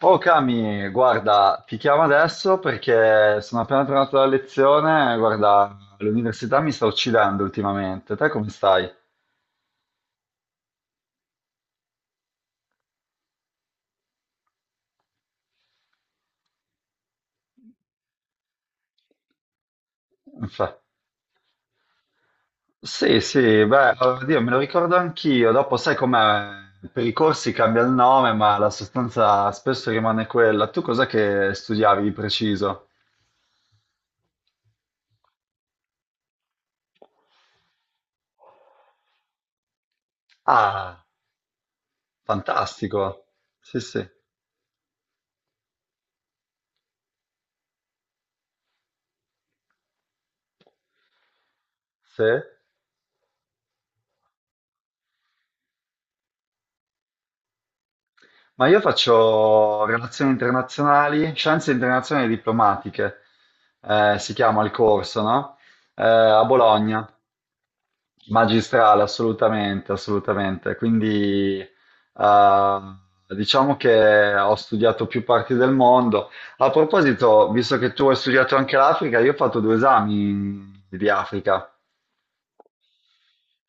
Oh Cami, guarda, ti chiamo adesso perché sono appena tornato dalla lezione, guarda, l'università mi sta uccidendo ultimamente. Te come stai? Fa- Sì, sì, beh, oddio, me lo ricordo anch'io. Dopo sai com'è? Per i corsi cambia il nome, ma la sostanza spesso rimane quella. Tu cos'è che studiavi di preciso? Ah, fantastico. Sì, sì. Sì? Ma io faccio relazioni internazionali, scienze internazionali e diplomatiche, si chiama il corso, no? A Bologna, magistrale, assolutamente, assolutamente. Quindi diciamo che ho studiato più parti del mondo. A proposito, visto che tu hai studiato anche l'Africa, io ho fatto due esami di Africa.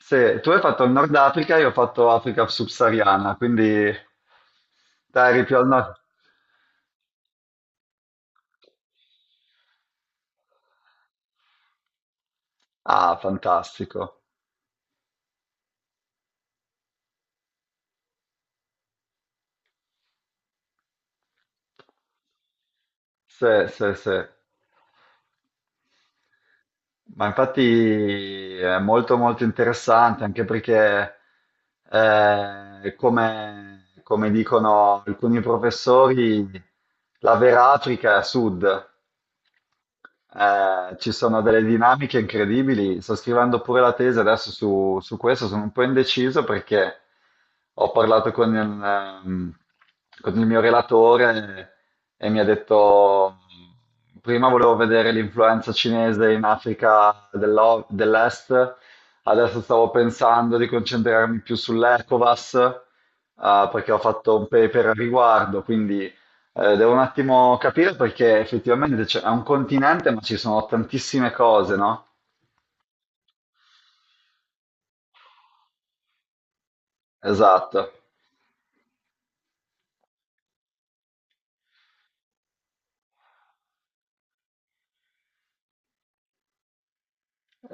Se tu hai fatto il Nord Africa, io ho fatto Africa subsahariana, quindi dai, eri più al nord. Ah, fantastico. Sì, sì, sì. Ma infatti è molto molto interessante anche perché, come dicono alcuni professori, la vera Africa è a sud. Ci sono delle dinamiche incredibili. Sto scrivendo pure la tesi adesso su questo, sono un po' indeciso perché ho parlato ehm, con il mio relatore e mi ha detto, prima volevo vedere l'influenza cinese in Africa dell'Est, adesso stavo pensando di concentrarmi più sull'ECOWAS, perché ho fatto un paper a riguardo, quindi. Devo un attimo capire perché effettivamente è un continente, ma ci sono tantissime cose, no? Esatto,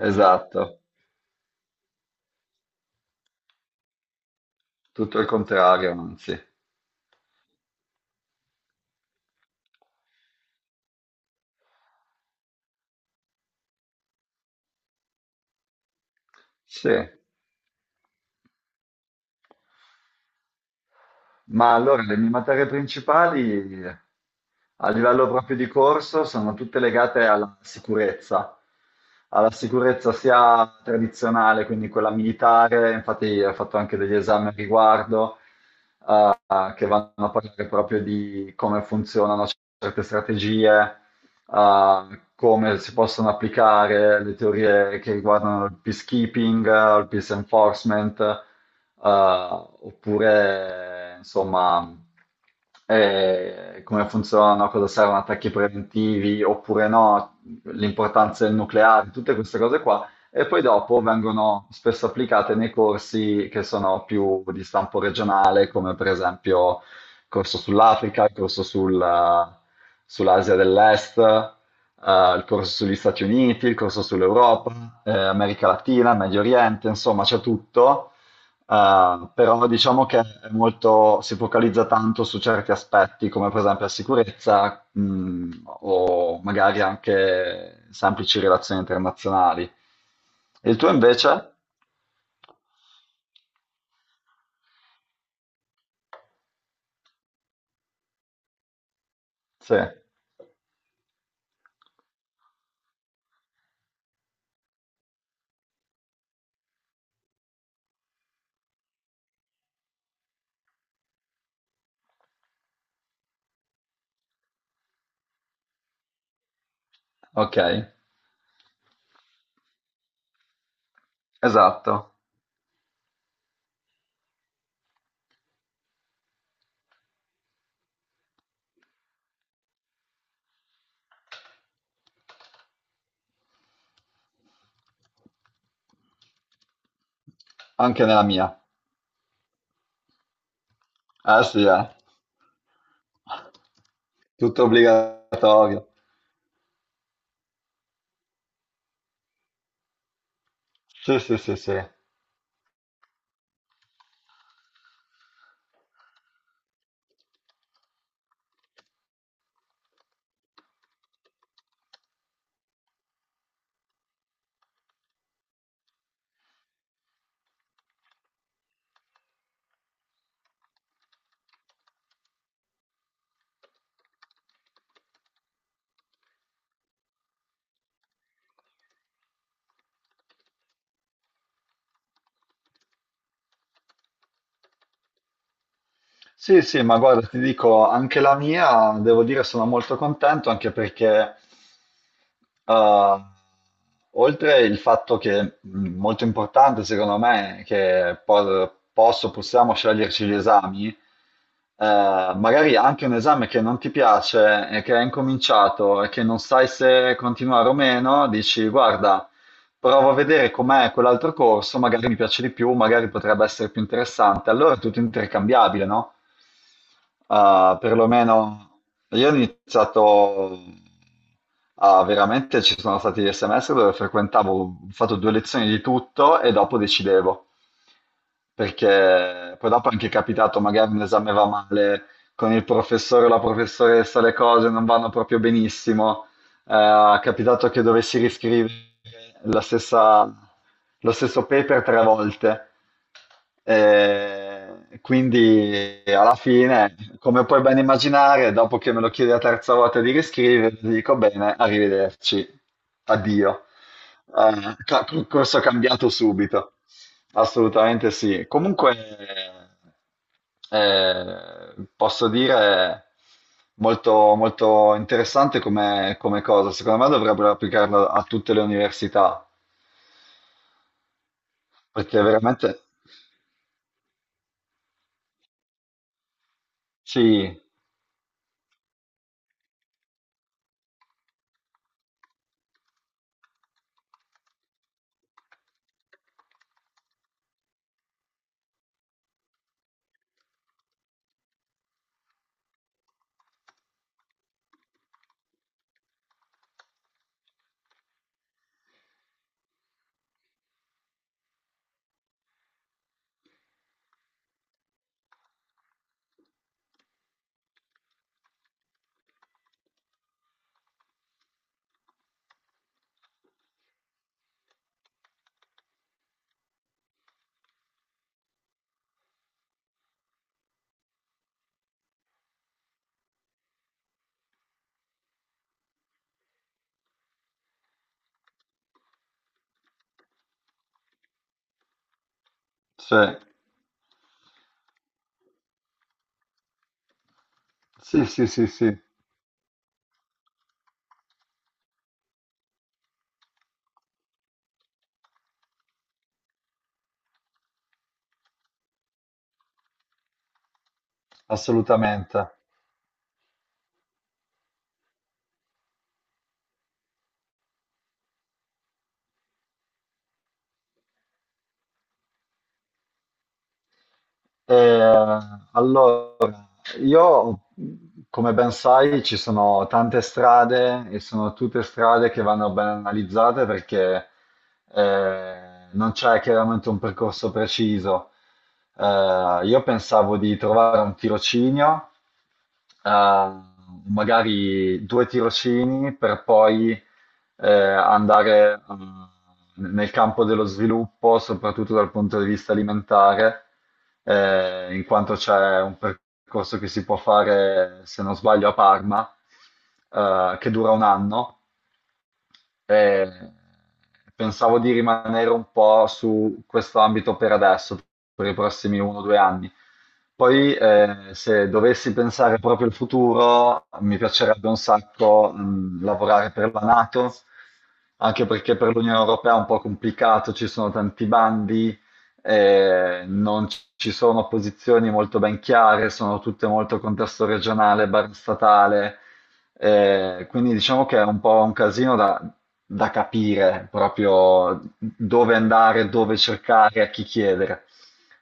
esatto, tutto il contrario, anzi. Sì, ma allora le mie materie principali a livello proprio di corso sono tutte legate alla sicurezza sia tradizionale, quindi quella militare, infatti ho fatto anche degli esami a riguardo che vanno a parlare proprio di come funzionano certe strategie, come si possono applicare le teorie che riguardano il peacekeeping, il peace enforcement, oppure insomma come funzionano, a cosa servono attacchi preventivi oppure no, l'importanza del nucleare, tutte queste cose qua, e poi dopo vengono spesso applicate nei corsi che sono più di stampo regionale, come per esempio il corso sull'Africa, il corso sull'Asia dell'Est, il corso sugli Stati Uniti, il corso sull'Europa, America Latina, Medio Oriente, insomma c'è tutto, però diciamo che è molto, si focalizza tanto su certi aspetti, come per esempio la sicurezza, o magari anche semplici relazioni internazionali. E il tuo invece? Sì. Ok, esatto. Anche nella mia. Eh sì, eh. Tutto obbligatorio. Sì, sì, sì, sì. Sì, sì, ma guarda, ti dico, anche la mia, devo dire, sono molto contento, anche perché, eh, oltre il fatto che, molto importante secondo me, che possiamo sceglierci gli esami, magari anche un esame che non ti piace e che è incominciato e che non sai se continuare o meno, dici, guarda, provo a vedere com'è quell'altro corso, magari mi piace di più, magari potrebbe essere più interessante. Allora è tutto intercambiabile, no? Ah, perlomeno io ho iniziato a veramente, ci sono stati dei semestri dove frequentavo, ho fatto due lezioni di tutto e dopo decidevo, perché poi dopo è anche capitato, magari un esame va male con il professore o la professoressa, le cose non vanno proprio benissimo, è capitato che dovessi riscrivere la stessa, lo stesso paper tre volte. Quindi alla fine, come puoi ben immaginare, dopo che me lo chiedi la terza volta di riscrivere, ti dico bene, arrivederci, addio. Corso cambiato subito. Assolutamente sì. Comunque posso dire molto, molto interessante come, come cosa. Secondo me dovrebbero applicarlo a tutte le università, perché veramente sì, sì, sì, sì, sì, sì, assolutamente. Eh, allora. Io, come ben sai, ci sono tante strade e sono tutte strade che vanno ben analizzate perché eh, non c'è chiaramente un percorso preciso. Io pensavo di trovare un tirocinio a magari due tirocini per poi andare nel campo dello sviluppo, soprattutto dal punto di vista alimentare, in quanto c'è un percorso che si può fare, se non sbaglio, a Parma, che dura un anno, eh, pensavo di rimanere un po' su questo ambito per adesso, per i prossimi 1 o 2 anni. Poi, se dovessi pensare proprio al futuro, mi piacerebbe un sacco, lavorare per la NATO, anche perché per l'Unione Europea è un po' complicato, ci sono tanti bandi, non ci sono posizioni molto ben chiare, sono tutte molto contesto regionale, bar statale. Quindi diciamo che è un po' un casino da capire proprio dove andare, dove cercare, a chi chiedere.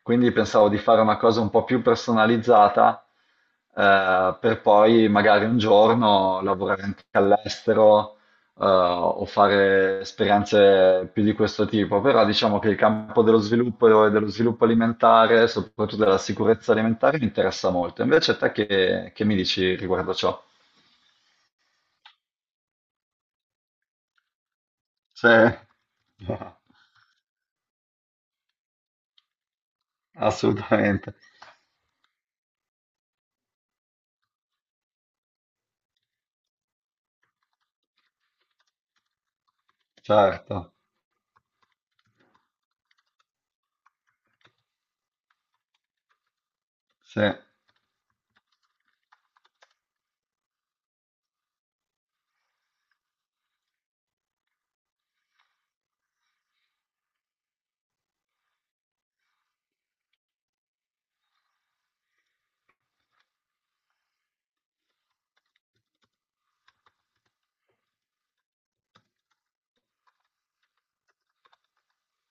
Quindi pensavo di fare una cosa un po' più personalizzata, per poi magari un giorno lavorare anche all'estero, o fare esperienze più di questo tipo. Però diciamo che il campo dello sviluppo e dello sviluppo alimentare, soprattutto della sicurezza alimentare, mi interessa molto. Invece te che mi dici riguardo ciò? Sì, assolutamente, certo, sì,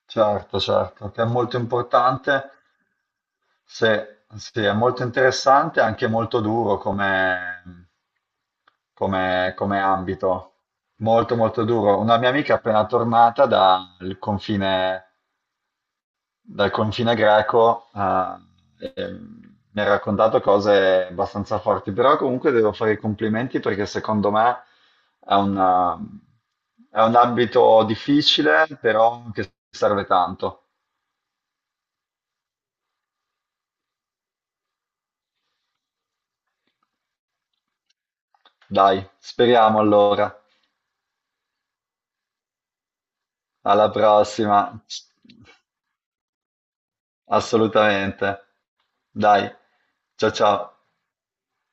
certo, certo, che è molto importante, sì, sì, è molto interessante e anche molto duro come, ambito, molto molto duro. Una mia amica appena tornata dal confine greco, mi ha raccontato cose abbastanza forti, però comunque devo fare i complimenti perché secondo me è una- è un ambito difficile, però che serve tanto. Dai, speriamo allora. Alla prossima. Assolutamente. Dai, ciao ciao.